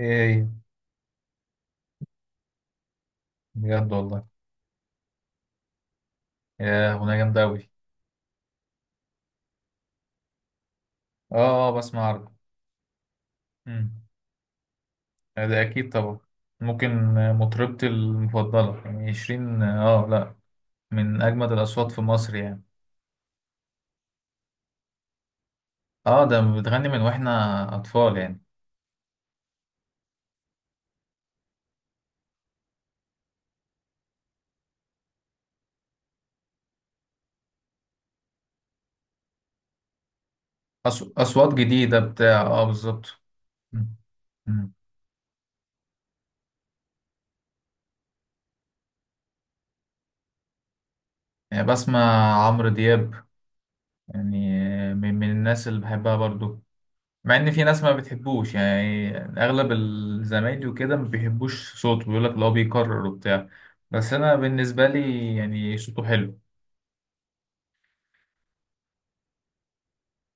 ايه هي؟ بجد والله. يا اغنيه جامده قوي! اه، اه، بسمع عربي. امم. ده اكيد طبعا. ممكن، مطربتي المفضله، يعني 20، لا. من اجمد الاصوات في مصر يعني. اه، ده بتغني من واحنا اطفال يعني. اصوات جديده بتاع، اه، بالظبط. مم. مم. يعني بسمع عمرو دياب يعني. من الناس اللي بحبها برضو. مع ان في ناس ما بتحبوش، يعني اغلب الزمايلي وكده ما بيحبوش صوته، بيقول لك اللي هو بيكرر وبتاع. بس انا بالنسبه لي يعني صوته حلو.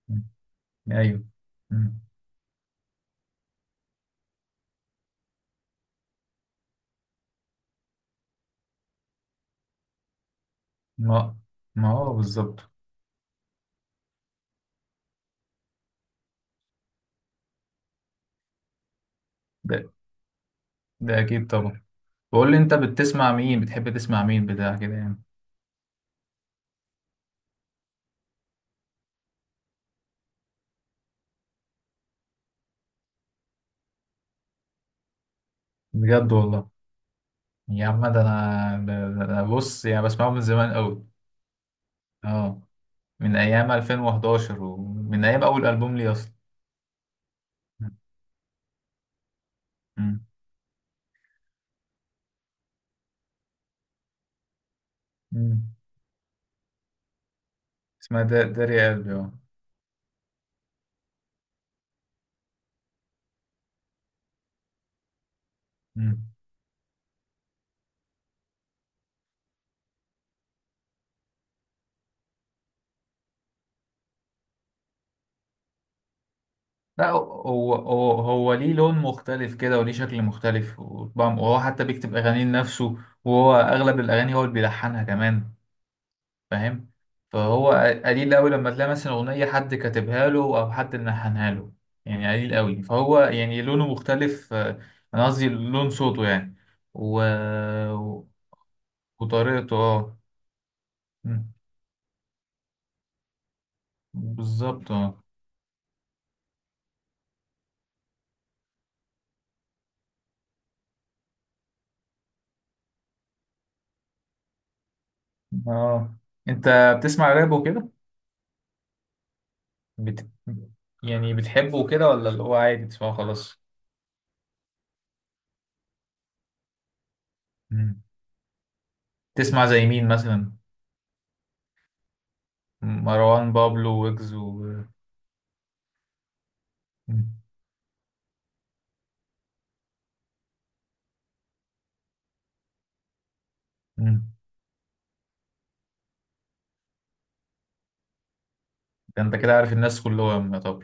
مم. ايوه. مم. ما ما هو بالظبط. ده ده اكيد طبعا. بقول لي انت بتسمع مين؟ بتحب تسمع مين بتاع كده يعني؟ بجد والله. يا عم، ده أنا بص، يعني بسمعه من زمان قوي. اه، من ايام 2011 ومن ايام اول البوم لي اصلا. مم. مم. اسمها داري قلبي، اه. لا، هو ليه لون مختلف كده، وليه شكل مختلف، وهو حتى بيكتب أغانيه لنفسه. وهو أغلب الأغاني هو اللي بيلحنها كمان. فاهم. فهو قليل أوي لما تلاقي مثلا أغنية حد كاتبها له أو حد ملحنها له. يعني قليل أوي، فهو يعني لونه مختلف، أنا قصدي لون صوته يعني. و... وطريقته، اه. مم. بالظبط، اه. اه، انت بتسمع راب وكده؟ بت... يعني بتحبه كده، ولا اللي هو عادي تسمعه خلاص؟ مم. تسمع زي مين مثلا؟ مروان بابلو، ويجز، و... مم. مم. ده انت كده عارف الناس كلهم يا طب.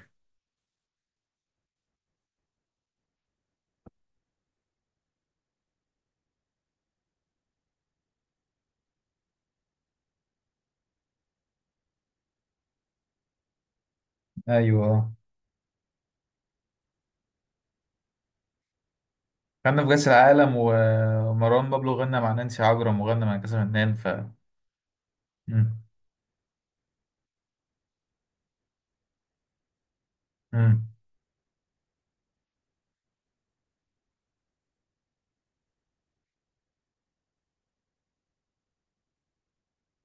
ايوه. غنى في كأس العالم، ومروان بابلو غنى مع نانسي عجرم، وغنى مع كأس الفنان، ف... مم. مم.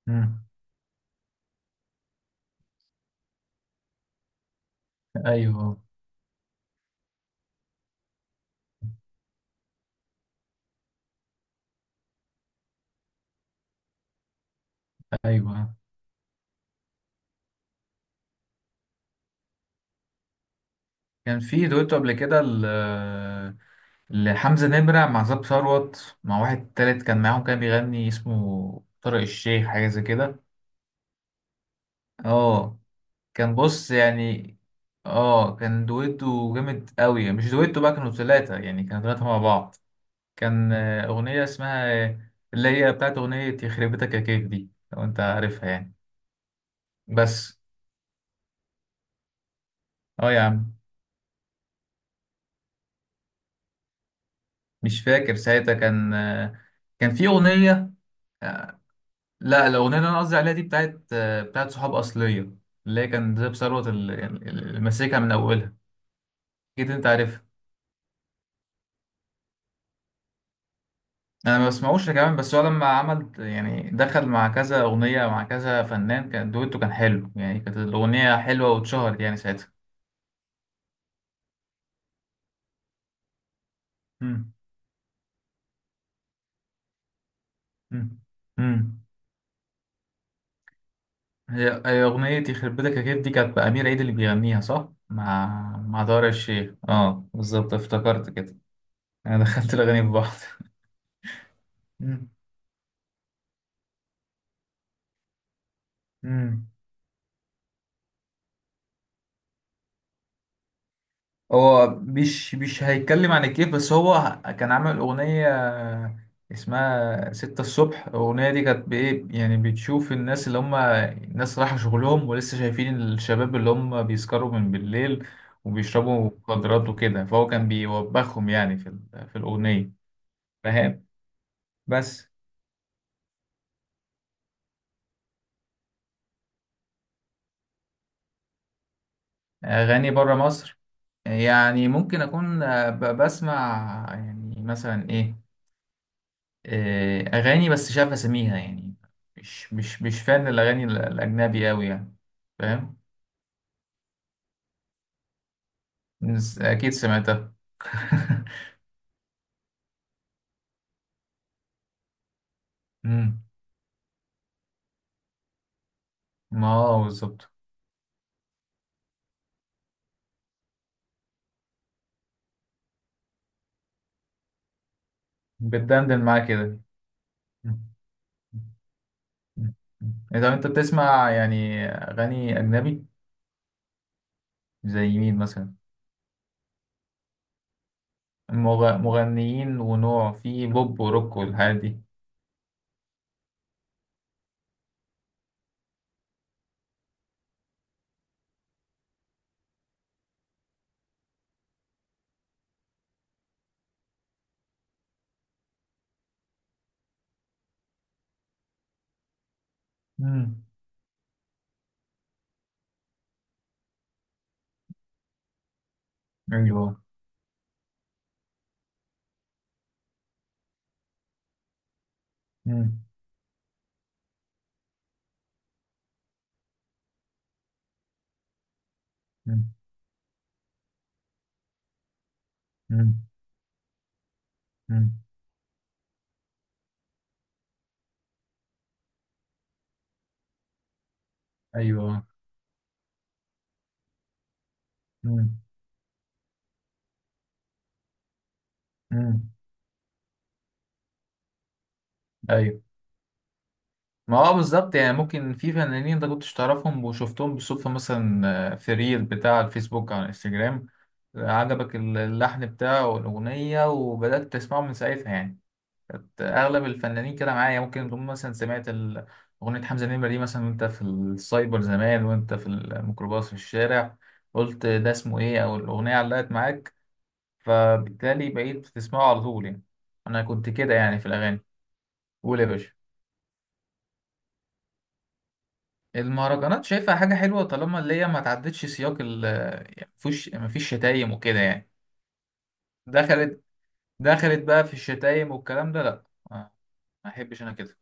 مم. ايوه. ايوه. كان في دويتو قبل كده لحمزة نمرة مع زاب ثروت، مع واحد تالت كان معاهم، كان بيغني، اسمه طارق الشيخ، حاجة زي كده. اه. كان بص يعني. اه، كان دويتو جامد قوي. مش دويتو بقى، كانوا ثلاثة، يعني كانوا ثلاثة مع بعض. كان أغنية اسمها، اللي هي بتاعت أغنية يخرب بيتك يا كيف دي، لو أنت عارفها يعني. بس. اه، يا عم. مش فاكر ساعتها، كان في أغنية آه، لا، الأغنية اللي أنا قصدي عليها دي بتاعت صحاب أصلية، اللي هي كان زي ثروت، اللي ماسكها من أولها. أكيد أنت عارفها. انا ما بسمعوش كمان، بس هو لما عمل، يعني دخل مع كذا اغنيه مع كذا فنان، كان دويتو كان حلو يعني، كانت الاغنيه حلوه واتشهرت يعني ساعتها. مم. مم. امم. هي اغنيه يخرب بيتك يا كيف دي كانت بامير عيد اللي بيغنيها، صح؟ مع... مع دار الشيخ، اه بالظبط، افتكرت كده. انا دخلت الاغاني في بعض. مم. مم. هو مش هيتكلم عن الكيف. بس هو، كان عامل أغنية اسمها ستة الصبح. الأغنية دي كانت بإيه؟ يعني بتشوف الناس اللي هم الناس رايحة شغلهم، ولسه شايفين الشباب اللي هم بيسكروا من بالليل، وبيشربوا مخدرات وكده، فهو كان بيوبخهم يعني في في الأغنية. فاهم. بس. أغاني برا مصر؟ يعني ممكن أكون بسمع يعني مثلا إيه، اغاني، بس مش عارف اسميها يعني. مش فان الاغاني الاجنبي قوي يعني. فاهم. اكيد سمعتها. مم. ما هو بالظبط. بتدندن معاه كده. مم. مم. اذا انت بتسمع يعني اغاني اجنبي، زي مين مثلا؟ مغنيين ونوع، في بوب وروك والحاجات دي. مم. ايوه. مم. مم. مم. مم. ايوه. مم. مم. ايوه. ما هو بالظبط. يعني ممكن في فنانين انت كنتش تعرفهم، وشفتهم بالصدفة مثلا، في ريل بتاع الفيسبوك على الانستجرام، عجبك اللحن بتاعه والأغنية، وبدأت تسمعه من ساعتها يعني. أغلب الفنانين كده معايا. ممكن تكون مثلا سمعت أغنية حمزة نمرة دي مثلا، وأنت في السايبر زمان، وأنت في الميكروباص في الشارع، قلت ده اسمه إيه، أو الأغنية علقت معاك، فبالتالي بقيت بتسمعه على طول يعني. أنا كنت كده يعني في الأغاني. قول يا باشا. المهرجانات شايفها حاجة حلوة، طالما اللي هي ما تعدتش سياق ال... يعني مفيش شتايم وكده يعني. دخلت دخلت بقى في الشتايم والكلام ده، لا. ما ما احبش انا كده.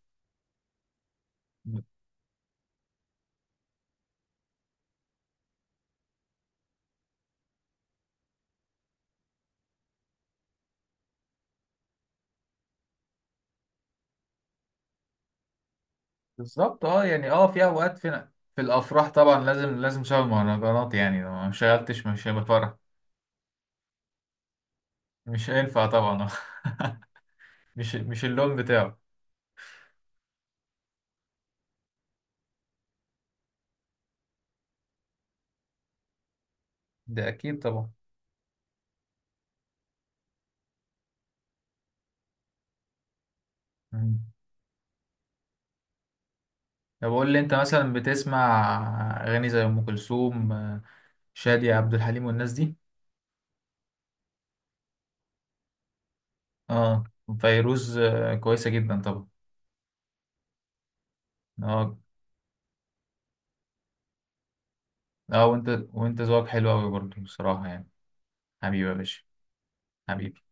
بالظبط، اه. يعني اه، في اوقات، في... في الافراح طبعا لازم لازم شغل مهرجانات يعني، لو ما شغلتش مش هيبقى فرح. مش هينفع طبعا. مش اللون بتاعه. ده اكيد طبعا. مم. طب قول لي، انت مثلا بتسمع اغاني زي ام كلثوم، شادية، عبد الحليم والناس دي؟ اه، فيروز، كويسة جدا طبعا. اه. اه، وانت ذوقك حلو قوي برضه بصراحة يعني. حبيبي يا باشا. حبيبي.